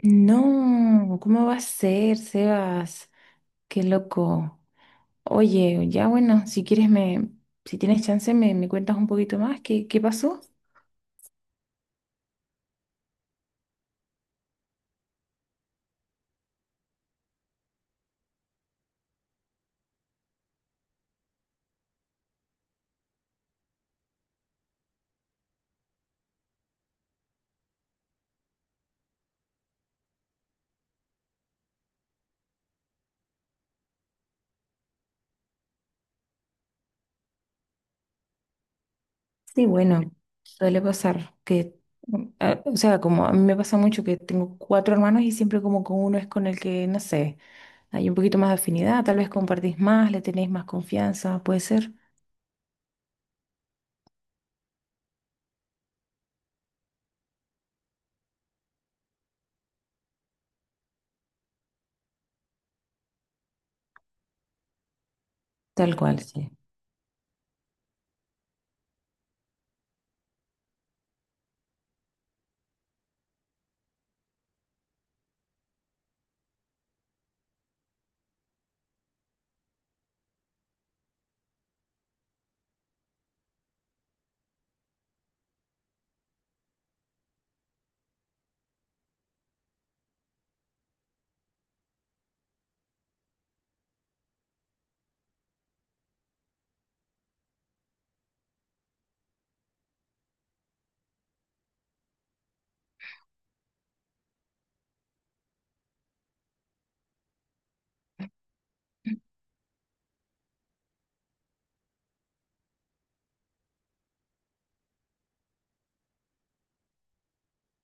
No, ¿cómo va a ser, Sebas? Qué loco. Oye, ya bueno, si quieres si tienes chance me cuentas un poquito más, ¿qué pasó? Sí, bueno, suele pasar que, como a mí me pasa mucho que tengo cuatro hermanos y siempre como con uno es con el que, no sé, hay un poquito más de afinidad, tal vez compartís más, le tenéis más confianza, puede ser. Tal cual, sí.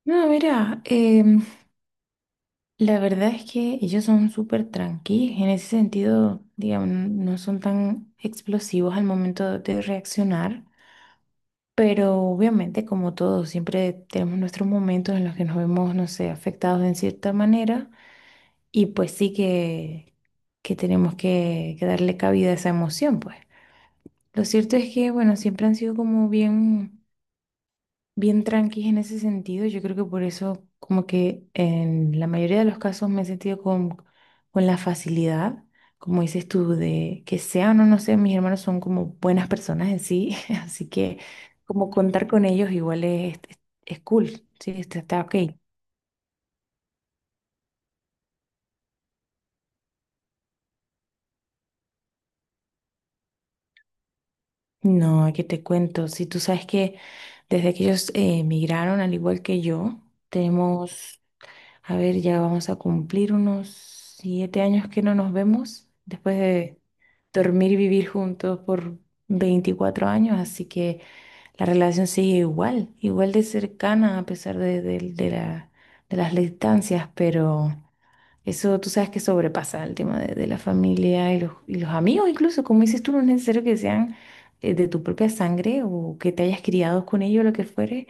No, mira, la verdad es que ellos son súper tranquilos, en ese sentido, digamos, no son tan explosivos al momento de reaccionar, pero obviamente como todos, siempre tenemos nuestros momentos en los que nos vemos, no sé, afectados en cierta manera y pues sí que tenemos que darle cabida a esa emoción, pues. Lo cierto es que, bueno, siempre han sido como bien bien tranquis en ese sentido. Yo creo que por eso, como que en la mayoría de los casos me he sentido con la facilidad, como dices tú, de que sean o no sean, mis hermanos son como buenas personas en sí, así que como contar con ellos igual es cool, sí, está ok. No, qué te cuento, si tú sabes que desde que ellos emigraron, al igual que yo, tenemos. A ver, ya vamos a cumplir unos 7 años que no nos vemos después de dormir y vivir juntos por 24 años, así que la relación sigue igual, igual de cercana a pesar de las distancias, pero eso tú sabes que sobrepasa el tema de la familia y y los amigos, incluso como dices tú, no es necesario que sean de tu propia sangre o que te hayas criado con ellos, lo que fuere.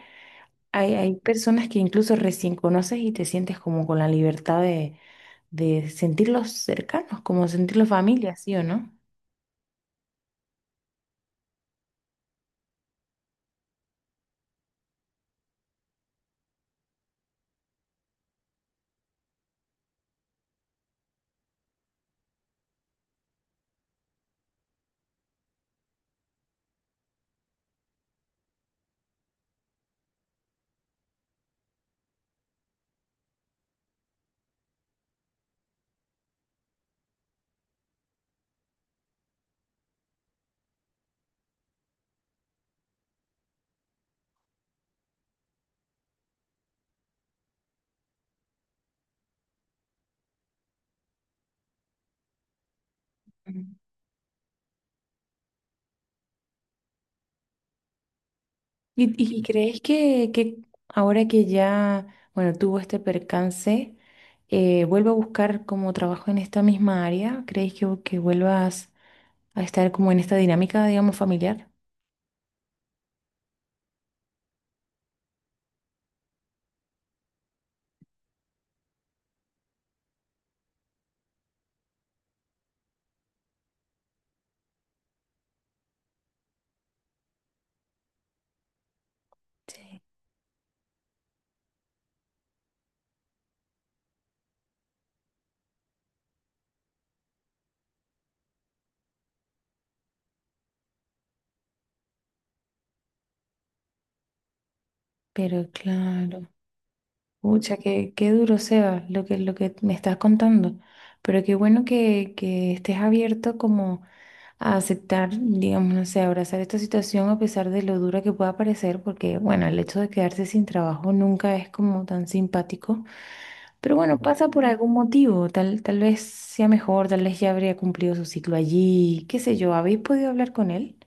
Hay personas que incluso recién conoces y te sientes como con la libertad de sentirlos cercanos, como sentirlos familia, ¿sí o no? Ujú. ¿Y, y crees que ahora que ya, bueno, tuvo este percance, ¿vuelva a buscar como trabajo en esta misma área? ¿Crees que vuelvas a estar como en esta dinámica, digamos, familiar? Sí. Pero claro. Pucha, qué duro, Seba, lo lo que me estás contando. Pero qué bueno que estés abierto como a aceptar, digamos, no sé, abrazar esta situación a pesar de lo dura que pueda parecer, porque bueno, el hecho de quedarse sin trabajo nunca es como tan simpático. Pero bueno, pasa por algún motivo, tal vez sea mejor, tal vez ya habría cumplido su ciclo allí, qué sé yo, ¿habéis podido hablar con él?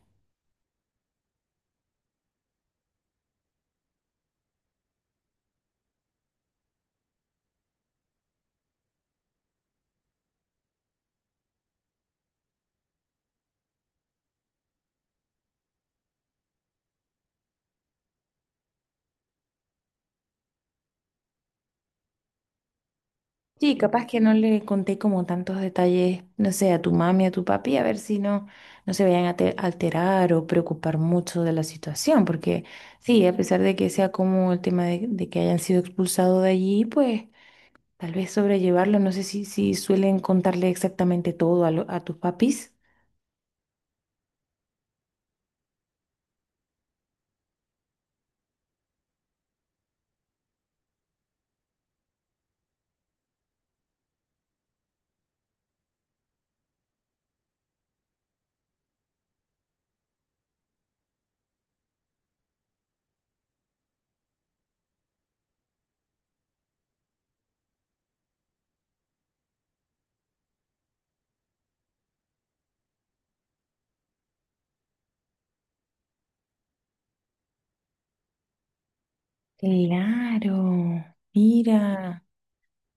Sí, capaz que no le conté como tantos detalles, no sé, a tu mami, a tu papi, a ver si no, no se vayan a te- alterar o preocupar mucho de la situación, porque sí, a pesar de que sea como el tema de que hayan sido expulsados de allí, pues tal vez sobrellevarlo, no sé si, si suelen contarle exactamente todo a tus papis. Claro, mira.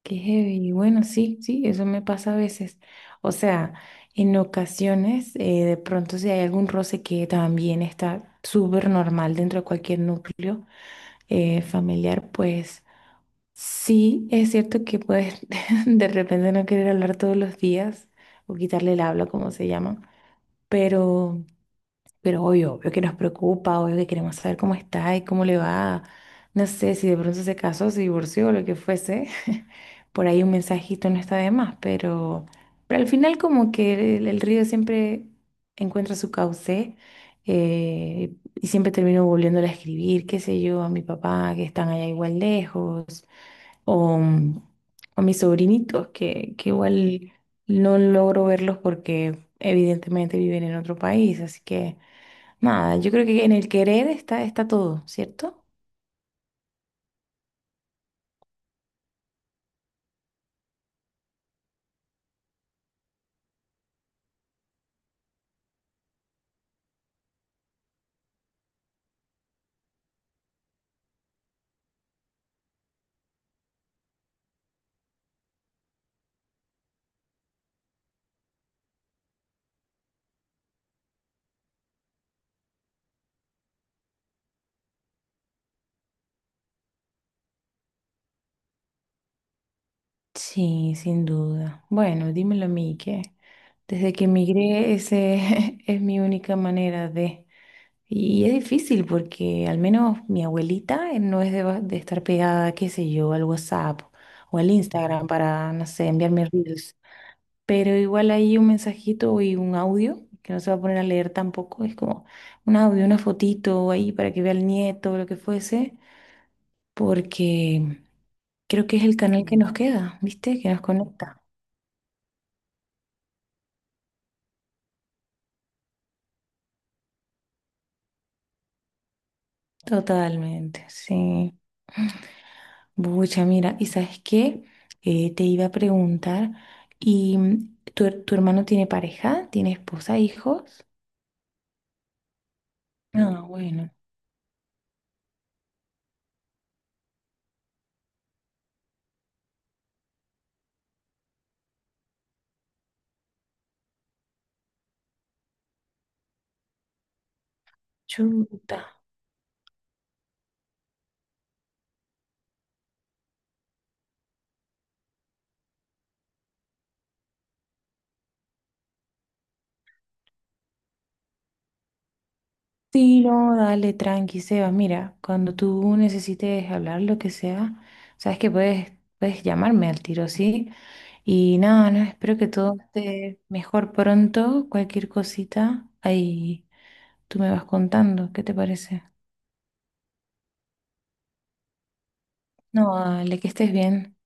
Qué heavy. Y bueno, sí, sí, eso me pasa a veces. O sea, en ocasiones, de pronto si hay algún roce que también está súper normal dentro de cualquier núcleo familiar, pues sí, es cierto que puedes de repente no querer hablar todos los días o quitarle el habla, como se llama, pero... Pero obvio, obvio que nos preocupa, obvio que queremos saber cómo está y cómo le va. No sé si de pronto se casó, se divorció, o lo que fuese. Por ahí un mensajito no está de más, pero al final como que el río siempre encuentra su cauce y siempre termino volviéndole a escribir, qué sé yo, a mi papá que están allá igual lejos o a mis sobrinitos que igual no logro verlos porque evidentemente viven en otro país, así que nada, yo creo que en el querer está, está todo, ¿cierto? Sí, sin duda. Bueno, dímelo a mí, que desde que emigré ese es mi única manera de... Y es difícil porque al menos mi abuelita no es de, de estar pegada, qué sé yo, al WhatsApp o al Instagram para, no sé, enviarme reels. Pero igual hay un mensajito y un audio, que no se va a poner a leer tampoco, es como un audio, una fotito ahí para que vea el nieto o lo que fuese, porque creo que es el canal que nos queda, ¿viste? Que nos conecta. Totalmente, sí. Bucha, mira, ¿y sabes qué? Te iba a preguntar, ¿y tu hermano tiene pareja? ¿Tiene esposa, hijos? Ah, bueno, chuta. Sí, no, dale, tranqui, Seba. Mira, cuando tú necesites hablar lo que sea, sabes que puedes, puedes llamarme al tiro, ¿sí? Y nada, no, espero que todo esté mejor pronto. Cualquier cosita, ahí tú me vas contando, ¿qué te parece? No, dale, que estés bien.